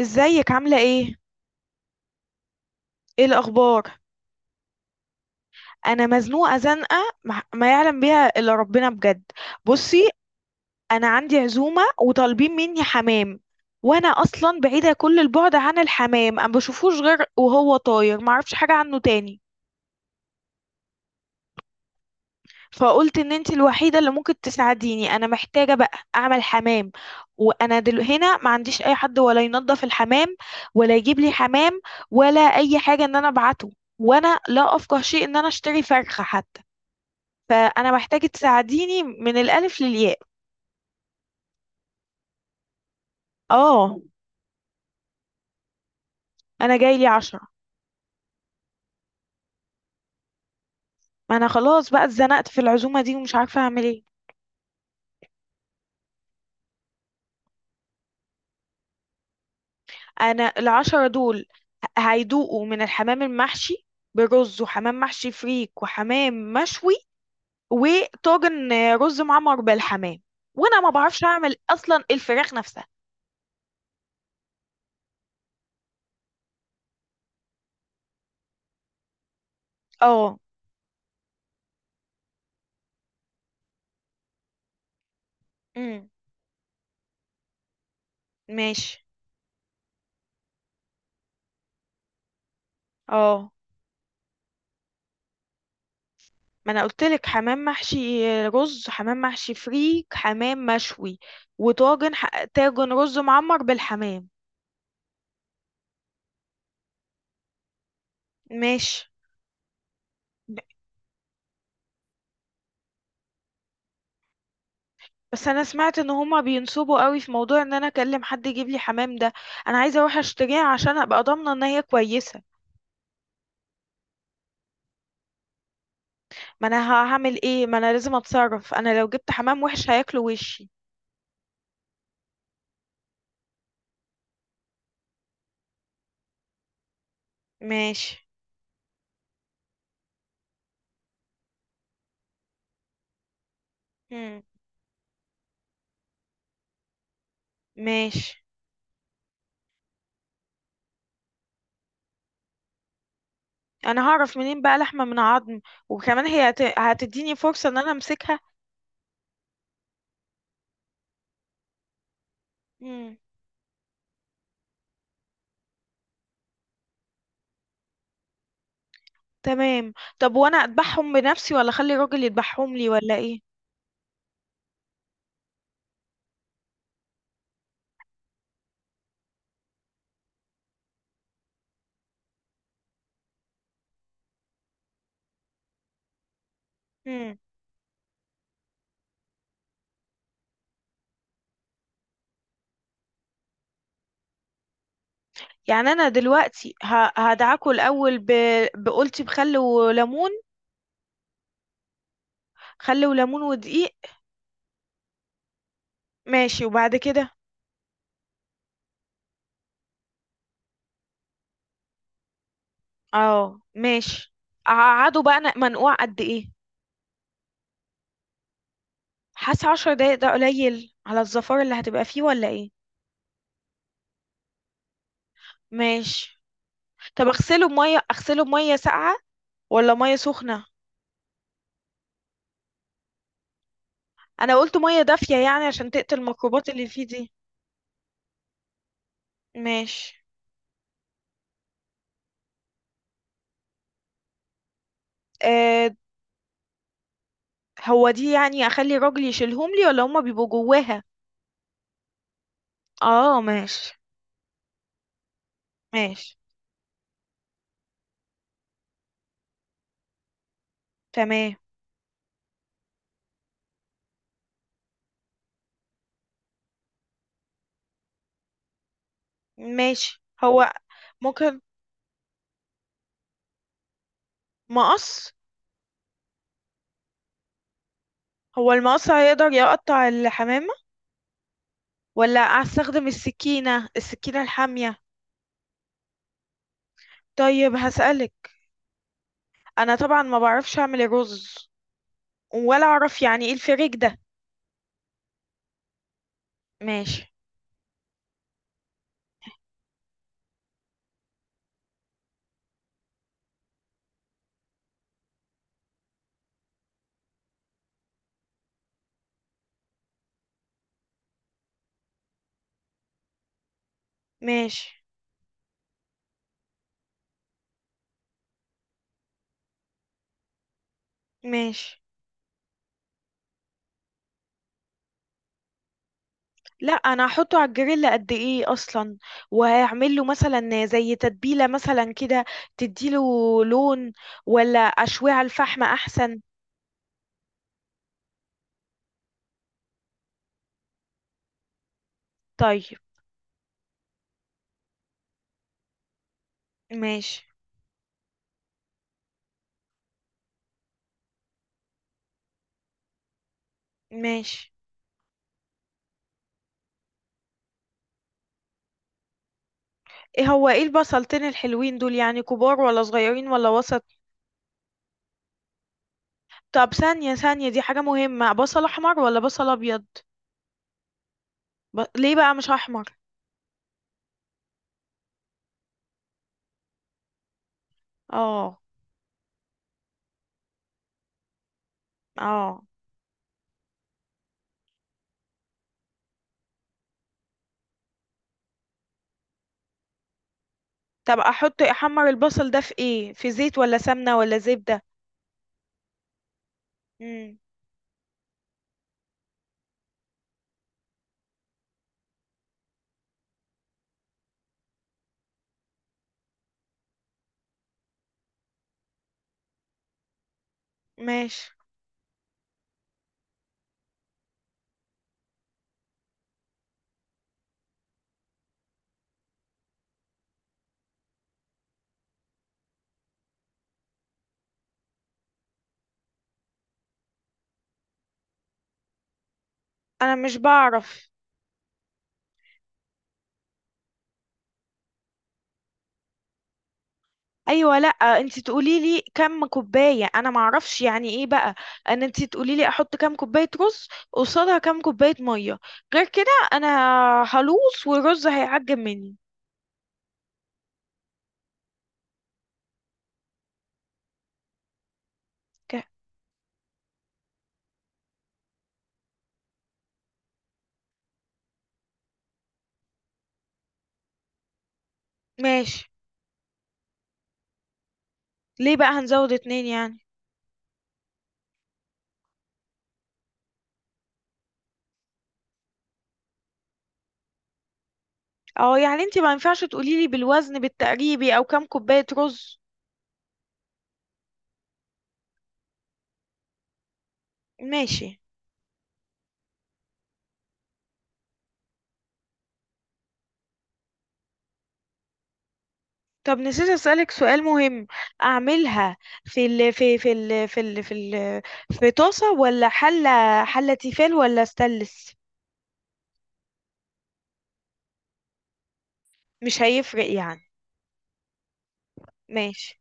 ازيك عاملة ايه؟ ايه الأخبار؟ أنا مزنوقة زنقة، ما يعلم بيها إلا ربنا بجد. بصي، أنا عندي عزومة وطالبين مني حمام. وأنا أصلا بعيدة كل البعد عن الحمام، أنا بشوفوش غير وهو طاير، معرفش حاجة عنه تاني. فقلت إن انتي الوحيدة اللي ممكن تساعديني، أنا محتاجة بقى أعمل حمام. وأنا دل هنا ما عنديش أي حد ولا ينظف الحمام، ولا يجيب لي حمام، ولا أي حاجة إن أنا أبعته. وأنا لا أفقه شيء إن أنا أشتري فرخة حتى. فانا محتاجة تساعديني من الالف للياء. اه، انا جاي لي 10. ما انا خلاص بقى اتزنقت في العزومة دي ومش عارفة اعمل ايه. انا العشرة دول هيدوقوا من الحمام المحشي برز، وحمام محشي فريك، وحمام مشوي، وطاجن رز معمر بالحمام. وانا ما بعرفش اعمل اصلا الفراخ نفسها. اه. امم. ماشي. اه، ما انا قلت لك حمام محشي رز، حمام محشي فريك، حمام مشوي، وطاجن طاجن رز معمر بالحمام. ماشي. ب- بس انا سمعت ان هما بينصبوا قوي في موضوع ان انا اكلم حد يجيب لي حمام ده. انا عايزه اروح اشتريها عشان ابقى ضامنه ان هي كويسه. ما انا هعمل ايه، ما انا لازم اتصرف، انا لو جبت حمام وحش هياكلوا وشي. ماشي. مم. ماشي. انا هعرف منين بقى لحمه من عظم، وكمان هي هتديني فرصه ان انا امسكها. مم. تمام. طب وانا اذبحهم بنفسي ولا اخلي الراجل يذبحهم لي ولا ايه؟ مم. يعني انا دلوقتي هدعكه الاول بقولتي بخل وليمون. خل وليمون ودقيق. ماشي، وبعد كده. اه ماشي. اقعده بقى منقوع قد ايه؟ حاسه 10 دقايق ده قليل على الزفارة اللي هتبقى فيه ولا ايه؟ ماشي. طب اغسله بميه، اغسله بميه ساقعه ولا ميه سخنه؟ انا قلت ميه دافيه يعني عشان تقتل الميكروبات اللي فيه دي. ماشي. آه، هو دي يعني اخلي الراجل يشيلهم لي ولا هما بيبقوا جواها؟ اه ماشي. ماشي. تمام. ماشي. هو ممكن مقص؟ هو المقص هيقدر يقطع الحمامة، ولا استخدم السكينة، السكينة الحامية؟ طيب هسألك. انا طبعا ما بعرفش اعمل الرز، ولا اعرف يعني ايه الفريك ده. ماشي. ماشي. ماشي. لا، انا هحطه على الجريل قد ايه اصلا؟ وهعمل له مثلا زي تتبيله مثلا كده، تديله لون، ولا اشويه على الفحم احسن؟ طيب. ماشي. ماشي. ايه هو ايه البصلتين الحلوين دول؟ يعني كبار ولا صغيرين ولا وسط؟ طب ثانيه ثانيه، دي حاجه مهمه، بصل احمر ولا بصل ابيض؟ ليه بقى مش احمر؟ اه. اه. طب احط احمر البصل ده في ايه؟ في زيت ولا سمنه ولا زبده؟ امم. ماشي. انا مش بعرف. ايوه، لا، انت تقولي لي كم كوبايه، انا ما اعرفش يعني ايه بقى. ان انت تقولي لي احط كم كوبايه رز قصادها كم كوبايه ميه، غير كده انا هلوص والرز هيعجب مني. ك- ماشي. ليه بقى هنزود اتنين يعني؟ اه، يعني انت ما ينفعش تقولي لي بالوزن بالتقريبي او كم كوبايه رز؟ ماشي. طب نسيت اسالك سؤال مهم، اعملها في ال في في ال في ال في ال في طاسه ولا حله؟ حله تيفال ولا استانلس؟ مش هيفرق يعني؟ ماشي.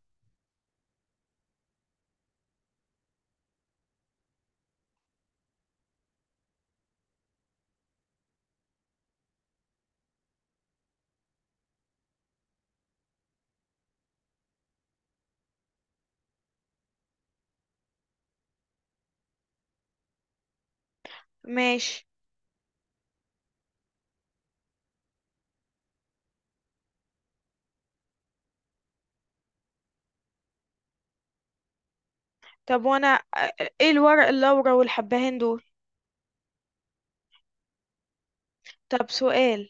ماشي. طب وانا ايه الورق اللورا والحبهان دول؟ طب سؤال،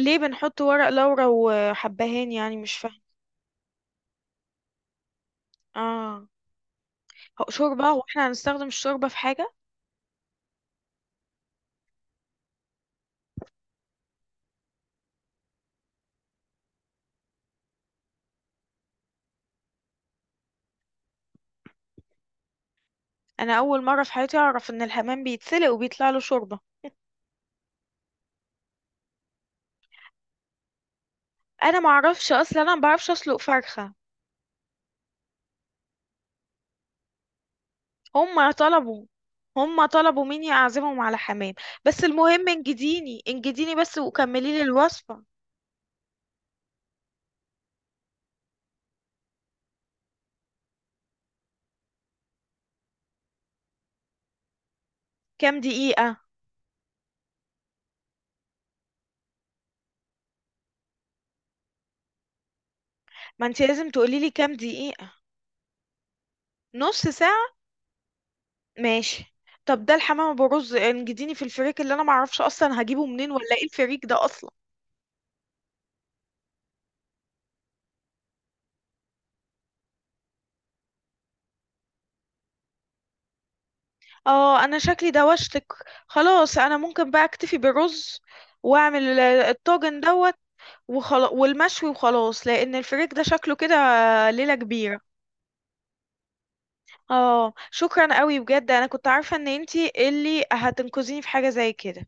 ليه بنحط ورق لورا وحبهان؟ يعني مش فاهم. اه، هو شوربة؟ واحنا هنستخدم الشوربة في حاجة؟ انا اول مرة في حياتي اعرف ان الحمام بيتسلق وبيطلع له شوربة. انا ما اعرفش اصلا، انا ما بعرفش اسلق فرخة. هم طلبوا. هم طلبوا مني اعزمهم على حمام. بس المهم انجديني انجديني بس وكملي لي الوصفة. كام دقيقة؟ ما انت لازم تقولي لي كام دقيقة. نص ساعة؟ ماشي. طب ده الحمام ابو رز، انجديني في الفريك، اللي انا معرفش اصلا هجيبه منين، ولا ايه الفريك ده اصلا؟ اه، انا شكلي دوشتك. خلاص انا ممكن بقى اكتفي بالرز واعمل الطاجن دوت. وخلاص والمشوي وخلاص، لان الفريك ده شكله كده ليلة كبيرة. اه، شكرا قوي بجد، انا كنت عارفة ان انتي اللي هتنقذيني في حاجة زي كده.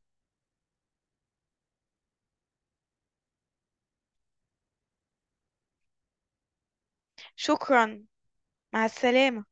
شكرا. مع السلامة.